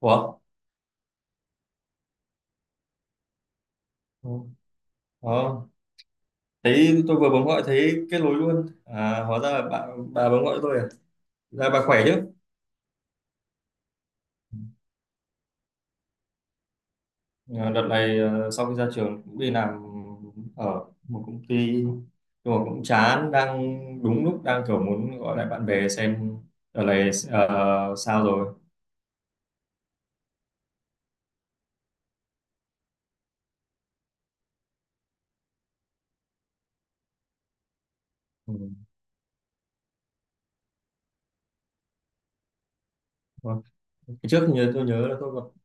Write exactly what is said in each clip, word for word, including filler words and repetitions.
Ủa? Ừ. Ờ, thấy tôi vừa bấm gọi thấy kết nối luôn. À, hóa ra là bà, bà bấm gọi tôi à? Dạ, bà khỏe chứ? À, đợt này ờ, sau khi ra trường cũng đi làm ở một công ty nhưng mà cũng chán đang đúng lúc đang kiểu muốn gọi lại bạn bè xem đợt này ờ, sao rồi. Ừ. Ờ, cái trước như tôi nhớ là tôi gặp,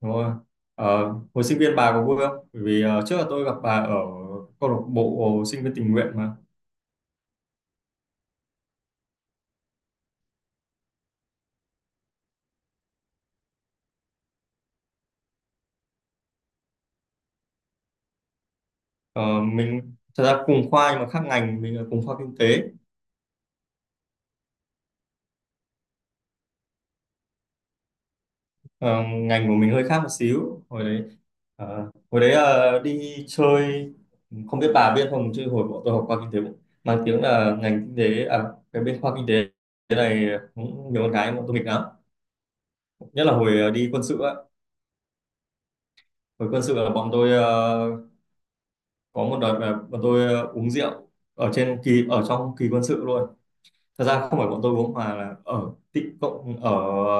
đúng rồi. Ờ, hồi sinh viên bà có vui không? Bởi vì ờ, trước là tôi gặp bà ở câu lạc bộ sinh viên tình nguyện mà. Ờ, mình thật ra cùng khoa nhưng mà khác ngành, mình là cùng khoa kinh tế. Ờ, ngành của mình hơi khác một xíu hồi đấy, ờ, hồi đấy ờ, đi chơi, không biết bà biết không chứ hồi bọn tôi học khoa kinh tế cũng mang tiếng là ngành kinh tế à, cái bên khoa kinh tế thế này cũng nhiều con gái bọn tôi nghịch lắm, nhất là hồi ờ, đi quân sự á. Hồi quân sự là bọn tôi ờ, có một đợt là bọn tôi ờ, uống rượu ở trên kỳ, ở trong kỳ quân sự luôn. Thật ra không phải bọn tôi uống mà là ở tị cộng, ở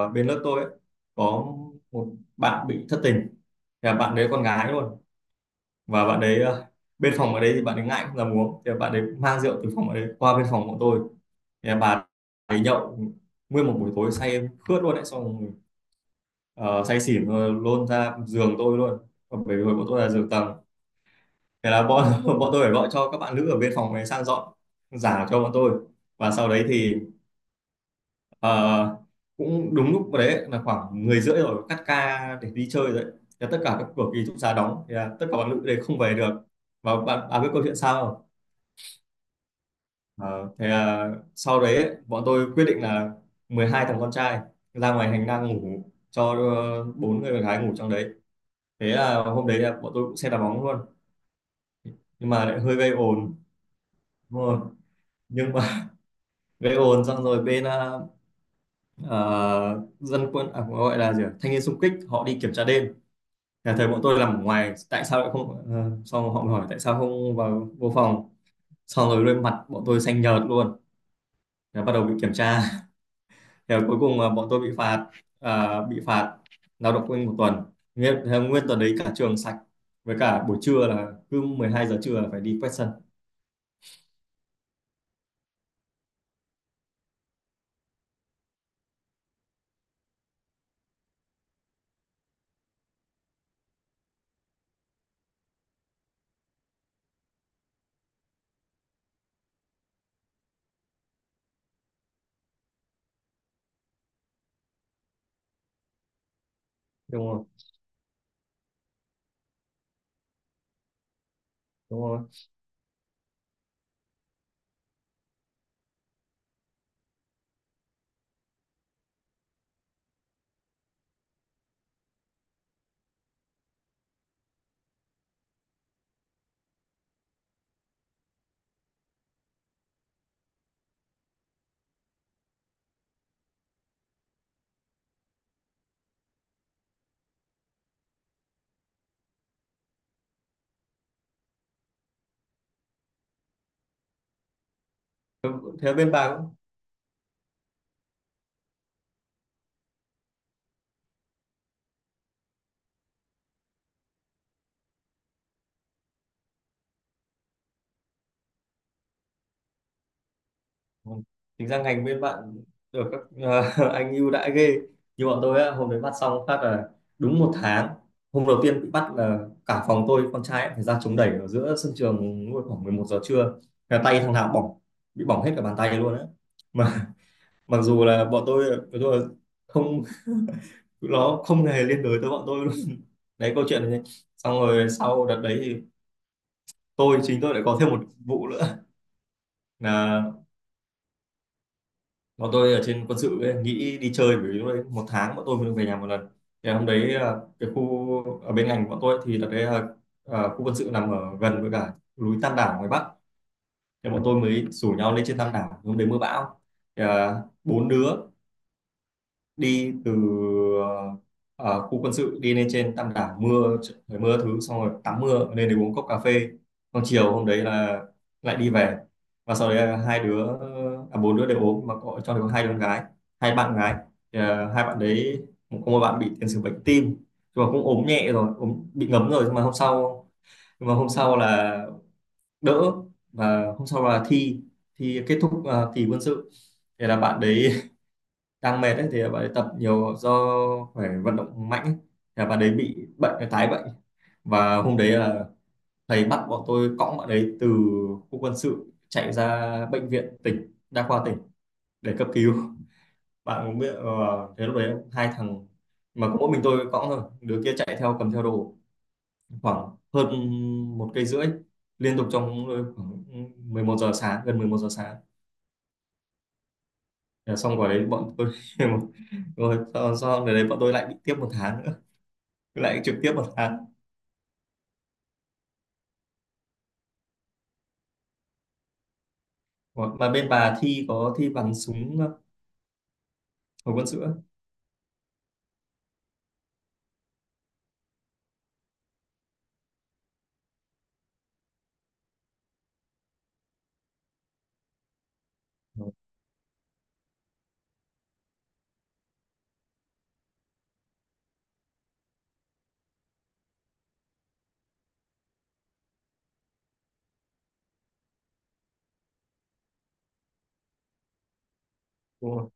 bên lớp tôi ấy, có một bạn bị thất tình, thì là bạn đấy con gái luôn, và bạn đấy ờ, bên phòng ở đấy thì bạn ấy ngại không dám uống, thì là bạn đấy mang rượu từ phòng ở đấy qua bên phòng bọn tôi, thì là bà ấy nhậu nguyên một buổi tối, say em khướt luôn đấy, xong rồi, ờ, say xỉn rồi lôn ra giường tôi luôn. Còn bởi vì bọn tôi là giường tầng, thế là bọn bọn tôi phải gọi cho các bạn nữ ở bên phòng này sang dọn giả cho bọn tôi, và sau đấy thì Ờ, cũng đúng lúc đấy là khoảng 10 rưỡi rồi, cắt ca để đi chơi rồi đấy. Thế tất cả các cửa ký túc xá đóng thì là tất cả bạn nữ đấy không về được, và bạn à, biết câu chuyện sao không? Ờ, thế là sau đấy ấy, bọn tôi quyết định là mười hai thằng con trai ra ngoài hành lang ngủ, cho ờ, bốn người con gái ngủ trong đấy. Thế là hôm đấy là bọn tôi cũng xem đá bóng luôn, nhưng mà lại hơi gây ồn, đúng rồi, nhưng mà gây ồn xong rồi bên ờ, ờ, dân quân à, gọi là gì ạ, thanh niên xung kích họ đi kiểm tra đêm, nhà thầy bọn tôi làm ở ngoài tại sao lại không, ờ, xong họ hỏi tại sao không vào vô phòng, xong rồi lên mặt bọn tôi xanh nhợt luôn. Thế bắt đầu bị kiểm tra. Thế cuối cùng là bọn tôi bị phạt, à, bị phạt lao động quên một tuần, nguyên thế nguyên tuần đấy cả trường sạch, với cả buổi trưa là cứ mười hai giờ trưa là phải đi quét sân, đúng không, đúng không? Thế, thế bên bà. Vâng. Tính ra ngành bên bạn được các anh ưu đãi ghê. Như bọn tôi á, hôm đấy bắt xong phát là đúng một tháng, hôm đầu tiên bị bắt là cả phòng tôi con trai ấy, phải ra chống đẩy ở giữa sân trường lúc khoảng mười một giờ trưa, là tay thằng nào cũng bỏng, bị bỏng hết cả bàn tay luôn á, mà mặc dù là bọn tôi bọn tôi là không, nó không hề liên đới tới bọn tôi luôn. Đấy câu chuyện này. Xong rồi sau đợt đấy thì tôi, chính tôi lại có thêm một vụ nữa, là bọn tôi ở trên quân sự ấy, nghĩ đi chơi, bởi vì lúc đấy một tháng bọn tôi mới được về nhà một lần. Thì hôm đấy à, cái khu ở bên ngành của bọn tôi thì là cái à, à, khu quân sự nằm ở gần với cả núi Tam Đảo ngoài Bắc, thì bọn tôi mới rủ nhau lên trên Tam Đảo, hôm đấy mưa bão, thì, à, bốn đứa đi từ ờ, ờ, khu quân sự đi lên trên Tam Đảo mưa, trời mưa thứ, xong rồi tắm mưa lên để uống cốc cà phê, còn chiều hôm đấy là lại đi về, và sau đấy là hai đứa, à, bốn đứa đều ốm, mà có trong đó có hai đứa con gái, hai bạn gái. Thì, à, hai bạn đấy có một bạn bị tiền sử bệnh tim, nhưng mà cũng ốm nhẹ rồi, ốm bị ngấm rồi, nhưng mà hôm sau, nhưng mà hôm sau là đỡ, và hôm sau là thi, thi kết thúc uh, kỳ quân sự, thì là bạn đấy đang mệt ấy, thì bạn ấy tập nhiều do phải vận động mạnh ấy. Thì bạn ấy bị bệnh, cái tái bệnh, và hôm đấy là thầy bắt bọn tôi cõng bạn ấy từ khu quân sự chạy ra bệnh viện tỉnh, đa khoa tỉnh, để cấp cứu. Bạn cũng biết ờ, thế lúc đấy hai thằng mà có mỗi mình tôi cõng thôi, đứa kia chạy theo cầm theo đồ, khoảng hơn một cây rưỡi liên tục, trong khoảng mười một giờ sáng, gần mười một giờ sáng. Thế là xong quả đấy bọn tôi rồi sau, sau đấy bọn tôi lại bị tiếp một tháng nữa, lại trực tiếp một phát. Ủa, mà bên bà thi có thi bắn súng hồi quân sự á? Ủa, đúng rồi.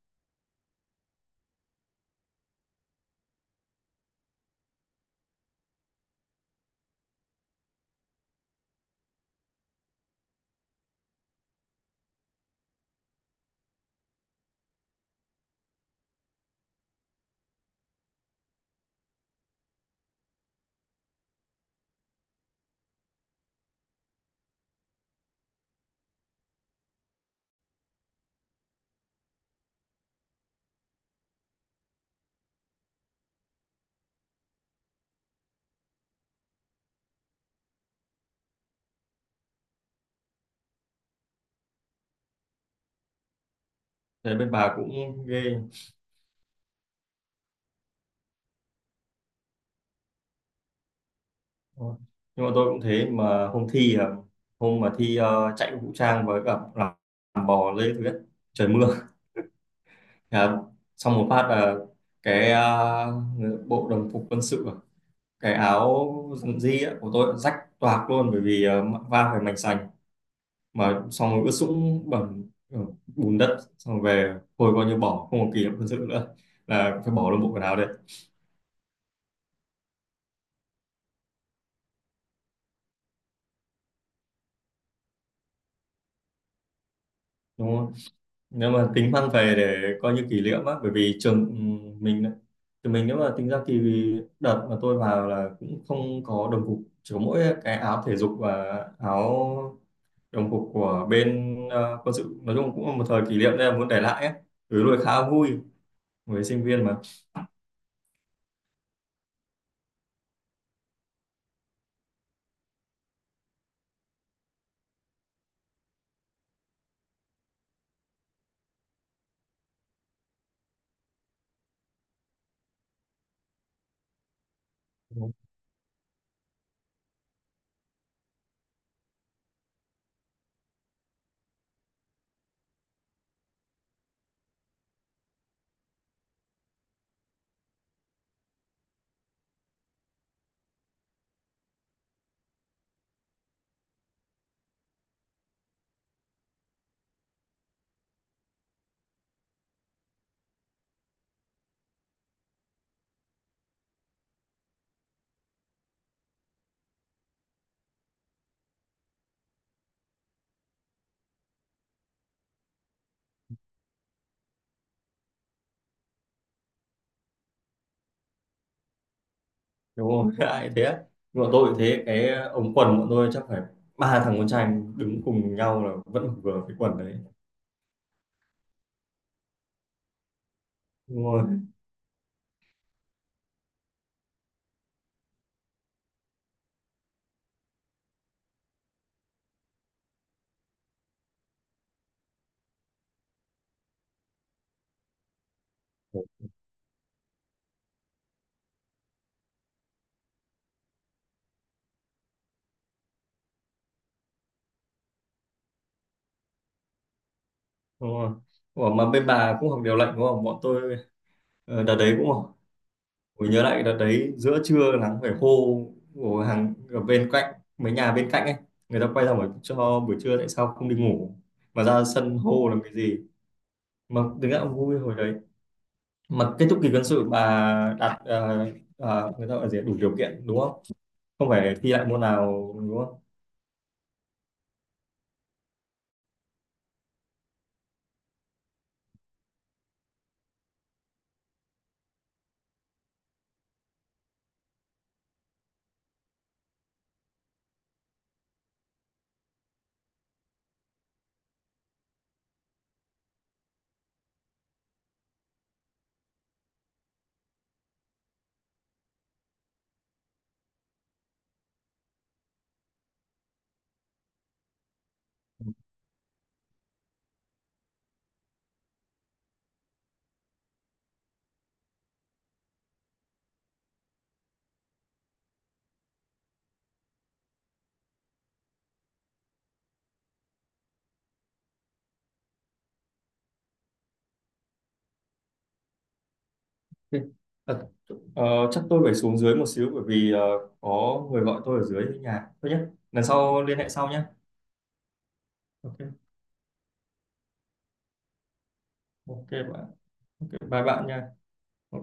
Thế bên bà cũng ghê. Đúng, nhưng mà tôi cũng thế, mà hôm thi à, hôm mà thi ờ, chạy vũ trang với cả làm, làm bò lê thứ nhất, trời mưa, à, xong một phát là cái ờ, bộ đồng phục quân sự, à, cái áo dân di á, của tôi rách toạc luôn, bởi vì ờ, va phải mảnh sành, mà xong rồi ướt sũng bẩn, ờ, bùn đất, xong rồi về, hồi coi như bỏ, không có kỷ niệm quân sự nữa, là phải bỏ luôn bộ quần áo đấy, đúng không? Nếu mà tính mang về để coi như kỷ niệm á, bởi vì trường, ừm, mình thì mình nếu mà tính ra thì đợt mà tôi vào là cũng không có đồng phục, chỉ có mỗi cái áo thể dục và áo đồng phục của bên ờ, quân sự, nói chung cũng là một thời kỷ niệm nên là muốn để lại ấy. Ừ, lúc ấy khá vui với sinh viên mà, đúng không? Ai thế bọn tôi cũng thế, cái ống quần bọn tôi chắc phải ba thằng con trai đứng cùng nhau là vẫn vừa cái quần đấy, đúng không? Đúng không? Ủa mà bên bà cũng học điều lệnh đúng không, bọn tôi ờ, đợt đấy cũng học. Tôi nhớ lại đợt đấy giữa trưa nắng phải hô, của hàng ở bên cạnh, mấy nhà bên cạnh ấy, người ta quay ra hỏi cho buổi trưa tại sao không đi ngủ mà ra sân hô làm cái gì, mà thực ra cũng vui hồi đấy. Mà kết thúc kỳ quân sự bà đạt, ờ, ờ, người ta gọi là gì ạ, đủ điều kiện đúng không, không phải thi lại môn nào đúng không? Thế- À, ờ, chắc tôi phải xuống dưới một xíu, bởi vì ờ, có người gọi tôi ở dưới nhà thôi nhé. Lần sau liên hệ sau nhé. Ok, ok bạn, ok, bye bạn nha. Ok.